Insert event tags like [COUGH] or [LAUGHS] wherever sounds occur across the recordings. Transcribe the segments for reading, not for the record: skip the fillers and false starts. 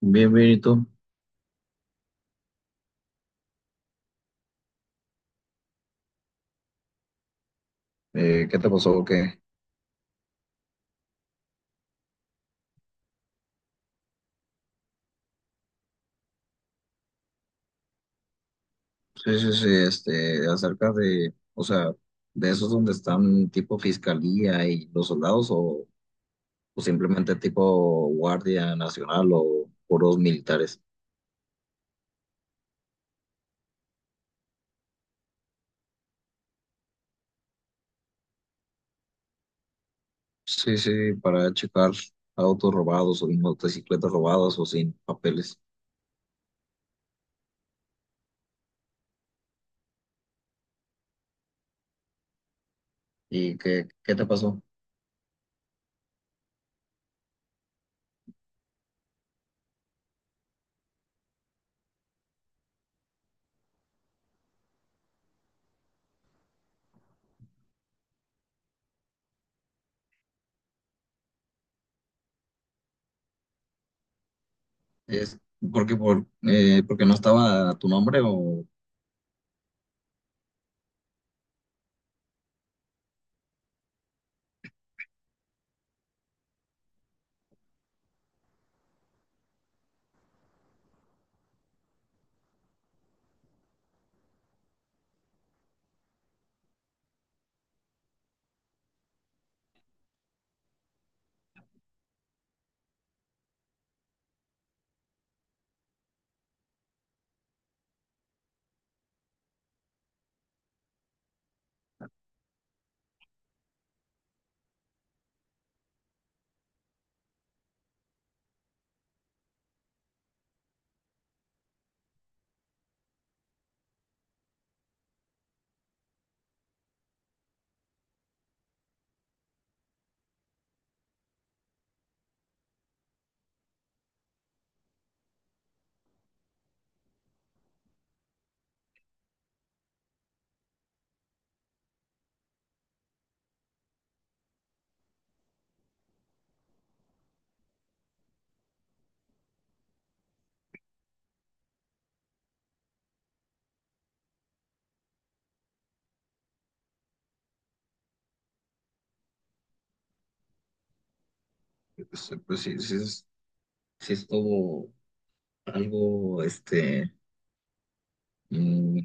Bien, bien, ¿y tú? ¿Qué te pasó? O ¿qué? Sí, sí, sí, este, acerca de, o sea, de esos donde están tipo fiscalía y los soldados, o simplemente tipo guardia nacional o puros militares. Sí, sí, para checar autos robados o motocicletas robadas o sin papeles. ¿Y qué te pasó? Es porque por, porque no estaba tu nombre o pues, pues sí, sí, sí estuvo algo, mm,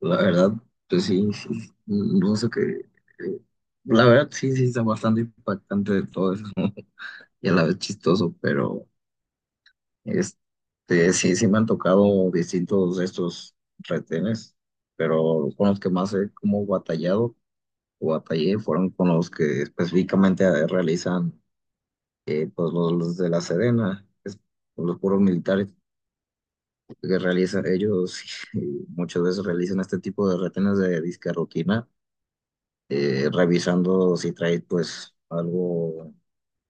la verdad, pues sí, sí, no sé qué. eh, La verdad, sí, sí, está bastante impactante de todo eso [LAUGHS] y a la vez chistoso, pero este, sí, sí me han tocado distintos de estos retenes, pero con los que más he como batallado o batallé fueron con los que específicamente realizan, pues los de la Sedena, los puros militares que realizan ellos, [LAUGHS] y muchas veces realizan este tipo de retenes de disque rutina, revisando si traes pues algo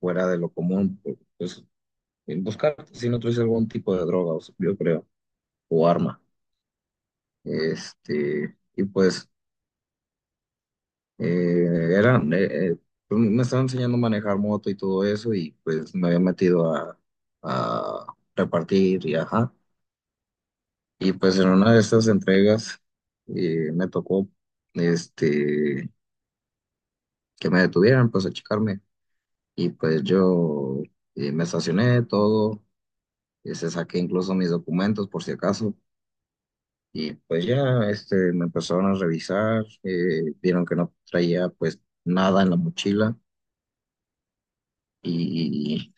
fuera de lo común, pues buscar pues, si no traes algún tipo de droga, o sea, yo creo, o arma. Este, y pues eh, eran, eh, eh, pues, me estaban enseñando a manejar moto y todo eso, y pues me había metido a repartir y ajá. Y pues en una de estas entregas me tocó este, que me detuvieran, pues a checarme. Y pues yo, me estacioné todo, este, saqué incluso mis documentos por si acaso. Y pues ya este, me empezaron a revisar, vieron que no traía pues nada en la mochila y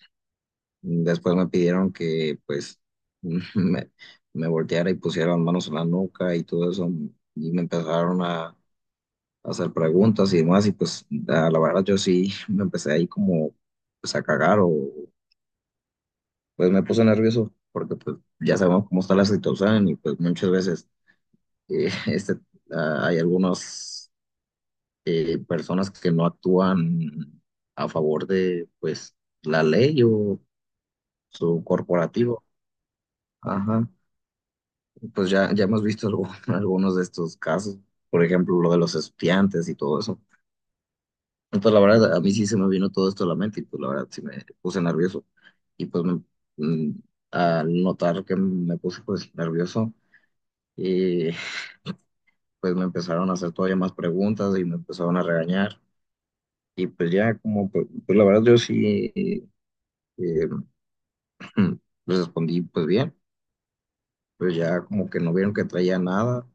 después me pidieron que pues [LAUGHS] me, me volteara y pusiera las manos en la nuca y todo eso. Y me empezaron a hacer preguntas y demás, y pues a la verdad yo sí [LAUGHS] me empecé ahí como pues a cagar, o pues me puse nervioso porque pues ya sabemos cómo está la situación y pues muchas veces [LAUGHS] este, ah, hay algunas personas que no actúan a favor de pues la ley o su corporativo. Ajá, pues ya, ya hemos visto [LAUGHS] algunos de estos casos, por ejemplo, lo de los estudiantes y todo eso. Entonces, la verdad, a mí sí se me vino todo esto a la mente y pues la verdad sí me puse nervioso. Y pues me- mm, Al notar que me puse pues nervioso, eh, pues me empezaron a hacer todavía más preguntas y me empezaron a regañar. Y pues ya como, pues, pues la verdad yo sí, eh, [CLEARS THROAT] respondí pues bien, pues ya como que no vieron que traía nada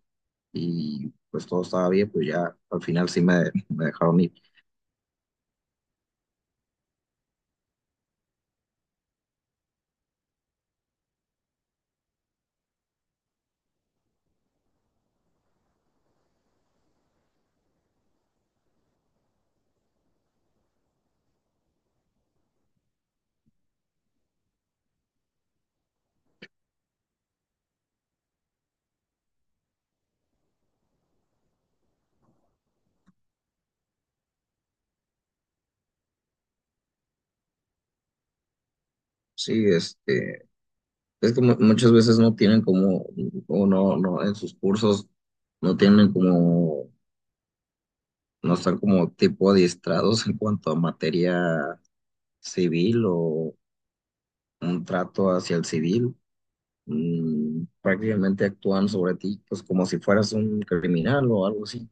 y pues todo estaba bien, pues ya al final sí [LAUGHS] me dejaron ir. Sí, este, es que muchas veces no tienen como, o en sus cursos no tienen como, no están como tipo adiestrados en cuanto a materia civil o un trato hacia el civil, mm, prácticamente actúan sobre ti pues como si fueras un criminal o algo así,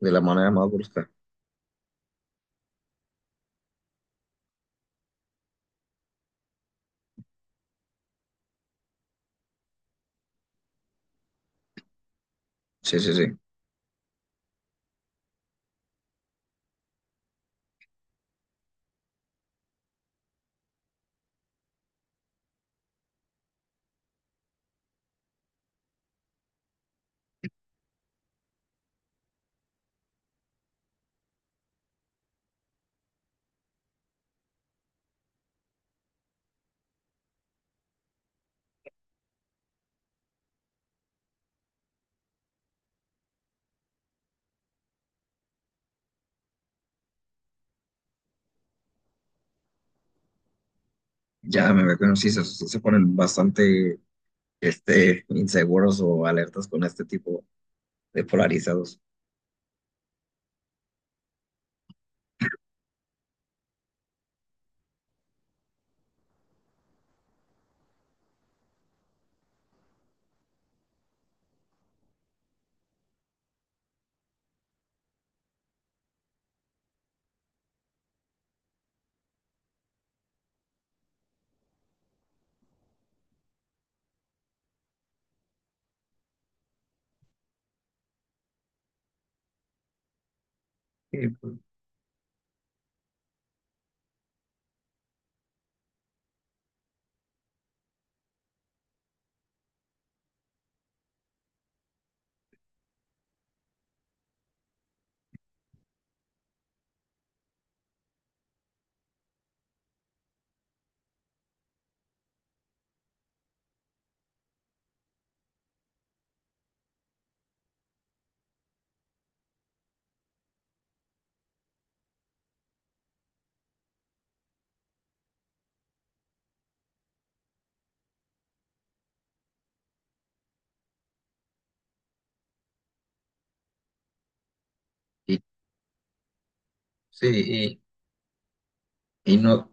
de la manera más brusca. Sí, sí, sí. Ya me veo que no, sí, se ponen bastante este, inseguros o alertas con este tipo de polarizados. Y, pues, y- sí, y no,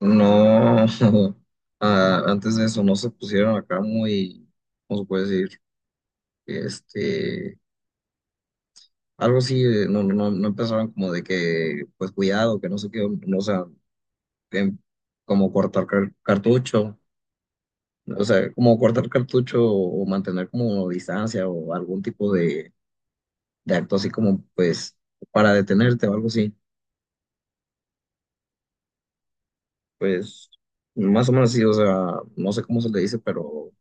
no, [LAUGHS] ah, antes de eso no se pusieron acá muy, ¿cómo se puede decir? Este, algo así, no, no empezaron como de que, pues cuidado, que no sé qué, no, o sea, em, como cortar cartucho, o sea, como cortar cartucho, o mantener como distancia o algún tipo de acto así como pues para detenerte o algo así, pues más o menos sí, o sea, no sé cómo se le dice, pero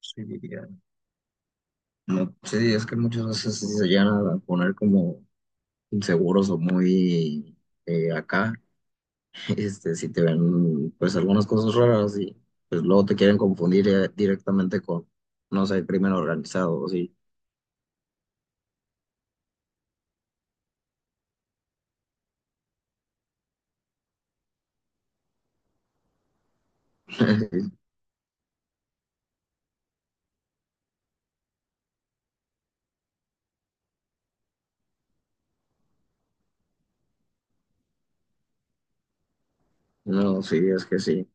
sí, diría, no, sí, es que muchas veces sí se llegan a poner como inseguros o muy acá, [LAUGHS] este, si te ven pues algunas cosas raras y pues luego te quieren confundir directamente con no sé, crimen organizado, sí. [LAUGHS] No, sí, es que sí.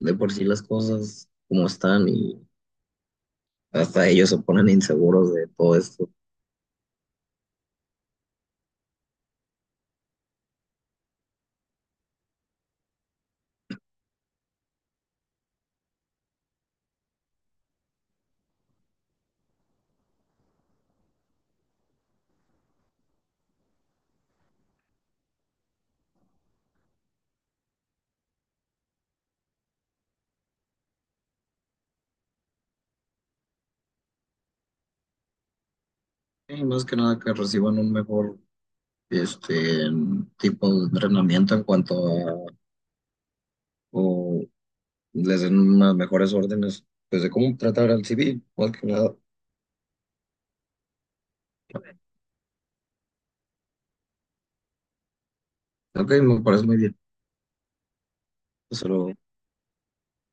De por sí las cosas como están y hasta ellos se ponen inseguros de todo esto. Y más que nada que reciban un mejor este tipo de entrenamiento en cuanto a, o les den unas mejores órdenes pues de cómo tratar al civil, más que nada. Ok, me parece muy bien. Solo